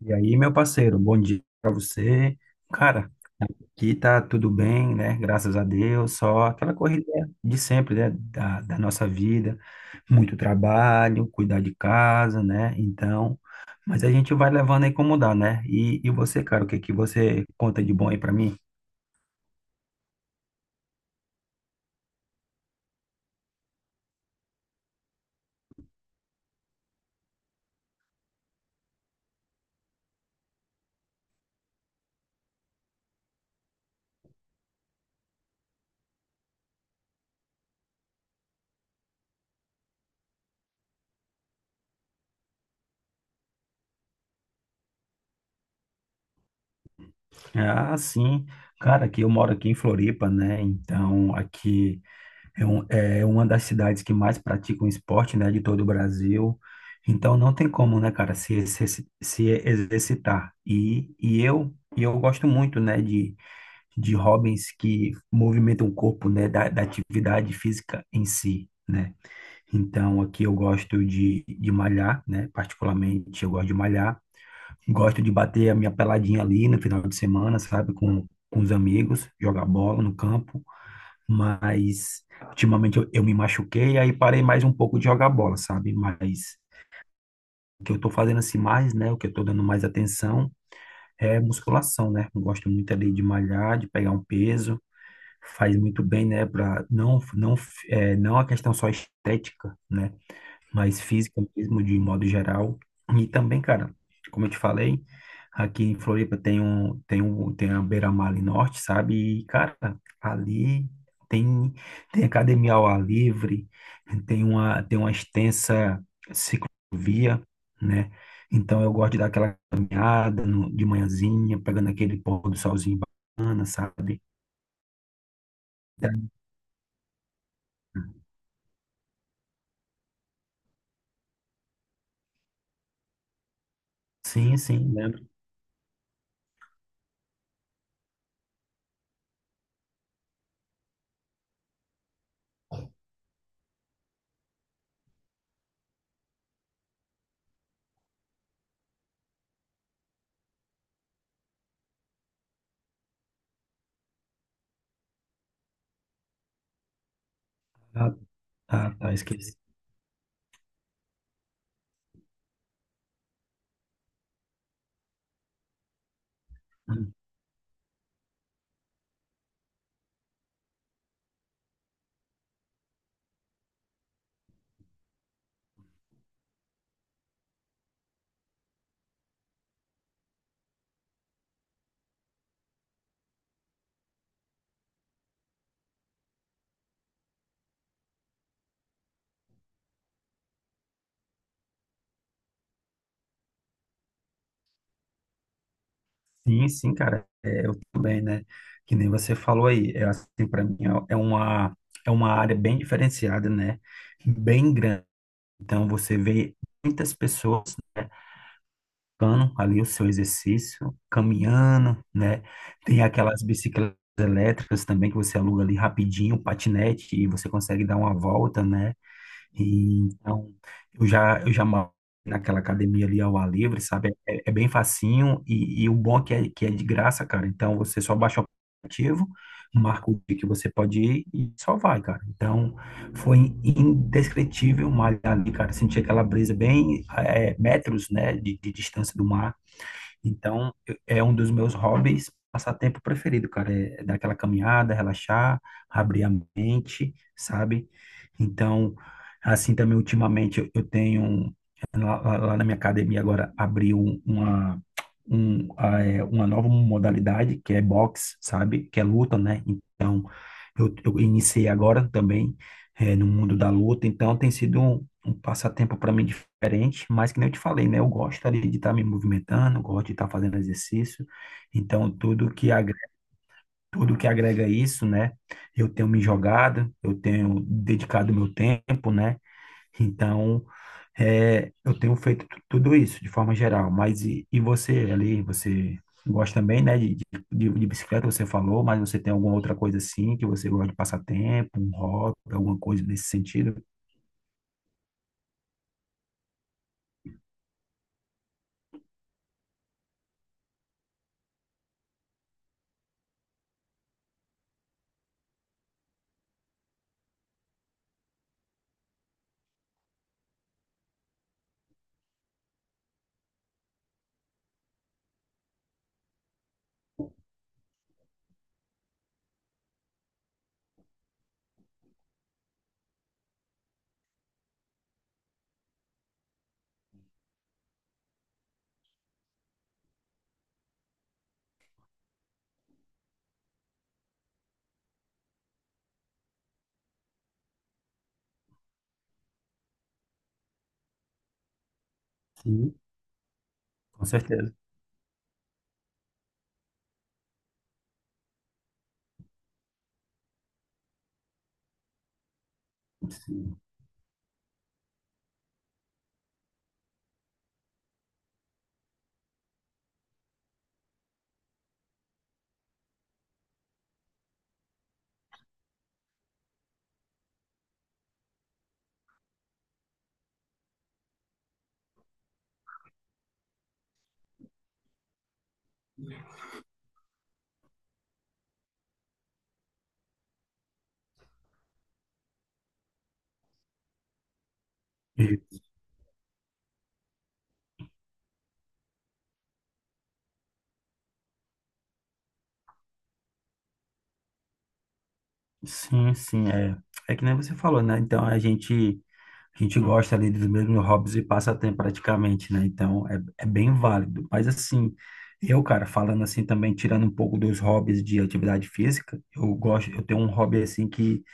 E aí, meu parceiro, bom dia para você. Cara, aqui tá tudo bem, né? Graças a Deus, só aquela corrida de sempre, né? Da nossa vida, muito trabalho, cuidar de casa, né? Então, mas a gente vai levando aí como dá, né? E você, cara, o que que você conta de bom aí para mim? Ah, sim, cara, que eu moro aqui em Floripa, né? Então, aqui. É, é uma das cidades que mais praticam esporte, né, de todo o Brasil. Então não tem como, né, cara, se exercitar. E eu gosto muito, né, de hobbies que movimentam o corpo, né, da atividade física em si, né. Então aqui eu gosto de malhar, né, particularmente eu gosto de malhar. Gosto de bater a minha peladinha ali no final de semana, sabe, com os amigos, jogar bola no campo, mas ultimamente eu me machuquei, aí parei mais um pouco de jogar bola, sabe? Mas o que eu tô fazendo assim mais, né? O que eu tô dando mais atenção é musculação, né? Eu gosto muito ali de malhar, de pegar um peso, faz muito bem, né? Pra não, não, é, Não a questão só estética, né, mais física mesmo, de modo geral. E também, cara, como eu te falei, aqui em Floripa tem a Beira-Mar ali Norte, sabe? E, cara, ali tem, tem academia ao ar livre, tem uma extensa ciclovia, né? Então eu gosto de dar aquela caminhada no- de manhãzinha, pegando aquele pôr do solzinho bacana, sabe? Sim, sim, lembro. Ah, tá, tá, esqueci. Sim, sim, cara, é, eu também, né? Que nem você falou aí, é assim, para mim é é uma área bem diferenciada, né? Bem grande. Então você vê muitas pessoas, né, praticando ali o seu exercício, caminhando, né? Tem aquelas bicicletas elétricas também que você aluga ali rapidinho, patinete e você consegue dar uma volta, né? E, então, eu já malho naquela academia ali ao ar livre, sabe? É, é bem facinho e o bom é que, é que é de graça, cara. Então, você só baixa o aplicativo, marca o dia que você pode ir e só vai, cara. Então, foi indescritível malhar ali, cara. Senti aquela brisa bem, metros, né, de distância do mar. É um dos meus hobbies, passatempo preferido, cara. É dar aquela caminhada, relaxar, abrir a mente, sabe? Então, assim também, ultimamente, eu tenho. Lá na minha academia agora abriu uma, uma nova modalidade, que é boxe, sabe? Que é luta, né? Então, eu iniciei agora também, no mundo da luta. Então, tem sido um, um passatempo para mim diferente, mas que nem eu te falei, né? Eu gosto ali de estar me movimentando, gosto de estar fazendo exercício. Então, tudo que agrega isso, né? Eu tenho me jogado, eu tenho dedicado meu tempo, né? Então, é, eu tenho feito tudo isso de forma geral. Mas e você ali, você gosta também, né, de bicicleta, você falou, mas você tem alguma outra coisa assim que você gosta de passatempo, um hobby, alguma coisa nesse sentido? Sim, com certeza. Sim, E- sim, sim, é. É que nem você falou, né? Então a gente gosta ali dos mesmos hobbies e passatempo praticamente, né? Então é, é bem válido. Mas assim, eu, cara, falando assim também, tirando um pouco dos hobbies de atividade física, eu gosto, eu tenho um hobby assim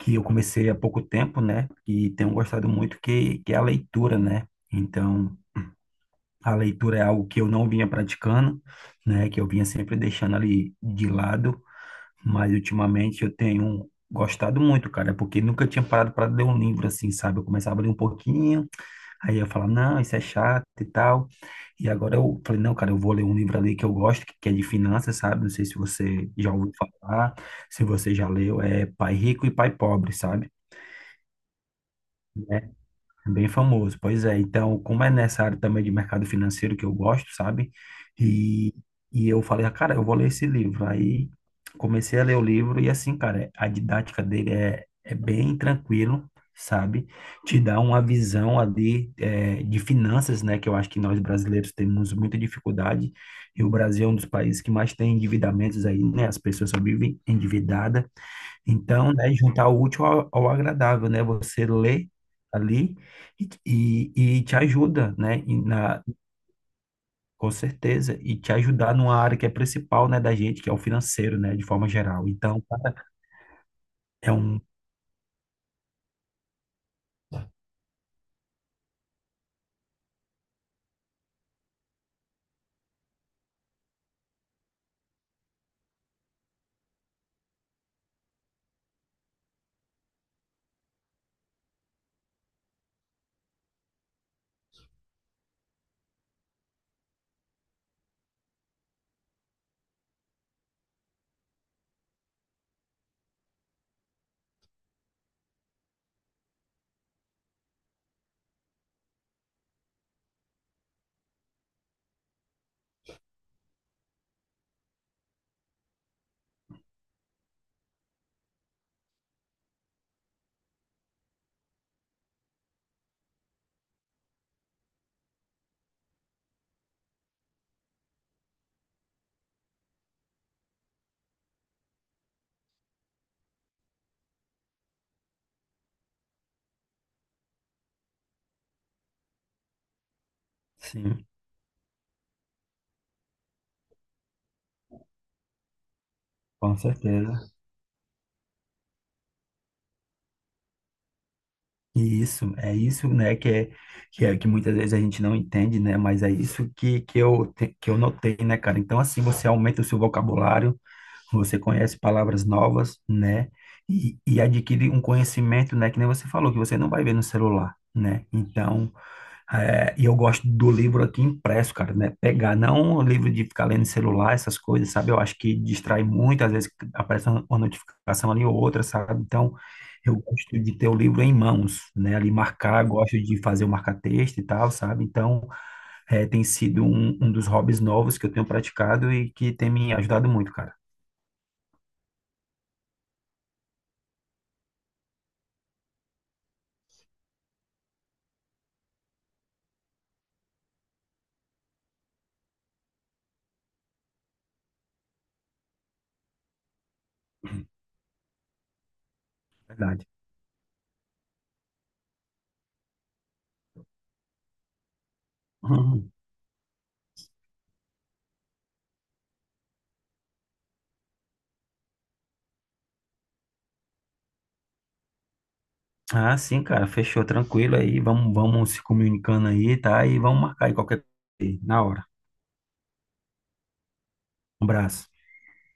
que eu comecei há pouco tempo, né? E tenho gostado muito, que é a leitura, né? Então, a leitura é algo que eu não vinha praticando, né? Que eu vinha sempre deixando ali de lado, mas ultimamente eu tenho gostado muito, cara, porque nunca tinha parado para ler um livro assim, sabe? Eu começava a ler um pouquinho, aí eu falava, não, isso é chato e tal. E agora eu falei, não, cara, eu vou ler um livro ali que eu gosto, que é de finanças, sabe? Não sei se você já ouviu falar, se você já leu, é Pai Rico e Pai Pobre, sabe? Bem famoso, pois é. Então, como é nessa área também de mercado financeiro que eu gosto, sabe? E, e eu falei, ah, cara, eu vou ler esse livro. Aí comecei a ler o livro e assim, cara, a didática dele é, é bem tranquilo, sabe? Te dá uma visão ali, de finanças, né? Que eu acho que nós brasileiros temos muita dificuldade. E o Brasil é um dos países que mais tem endividamentos aí, né? As pessoas só vivem endividadas. Então, né, juntar o útil ao agradável, né? Você lê ali e te ajuda, né? E na, com certeza, e te ajudar numa área que é principal, né, da gente, que é o financeiro, né, de forma geral. Então, é um, sim, com certeza. É isso, né, que é que muitas vezes a gente não entende, né, mas é isso que eu, que eu notei, né, cara? Então, assim, você aumenta o seu vocabulário, você conhece palavras novas, né? E adquire um conhecimento, né? Que nem você falou, que você não vai ver no celular, né? Então, é, e eu gosto do livro aqui impresso, cara, né? Pegar, não o livro de ficar lendo celular, essas coisas, sabe? Eu acho que distrai muito, às vezes aparece uma notificação ali ou outra, sabe? Então, eu gosto de ter o livro em mãos, né? Ali marcar, gosto de fazer o marca-texto e tal, sabe? Então, é, tem sido um, um dos hobbies novos que eu tenho praticado e que tem me ajudado muito, cara. Verdade. Uhum. Ah, sim, cara, fechou, tranquilo aí. Vamos se comunicando aí, tá? E vamos marcar aí qualquer coisa aí, na hora. Um abraço.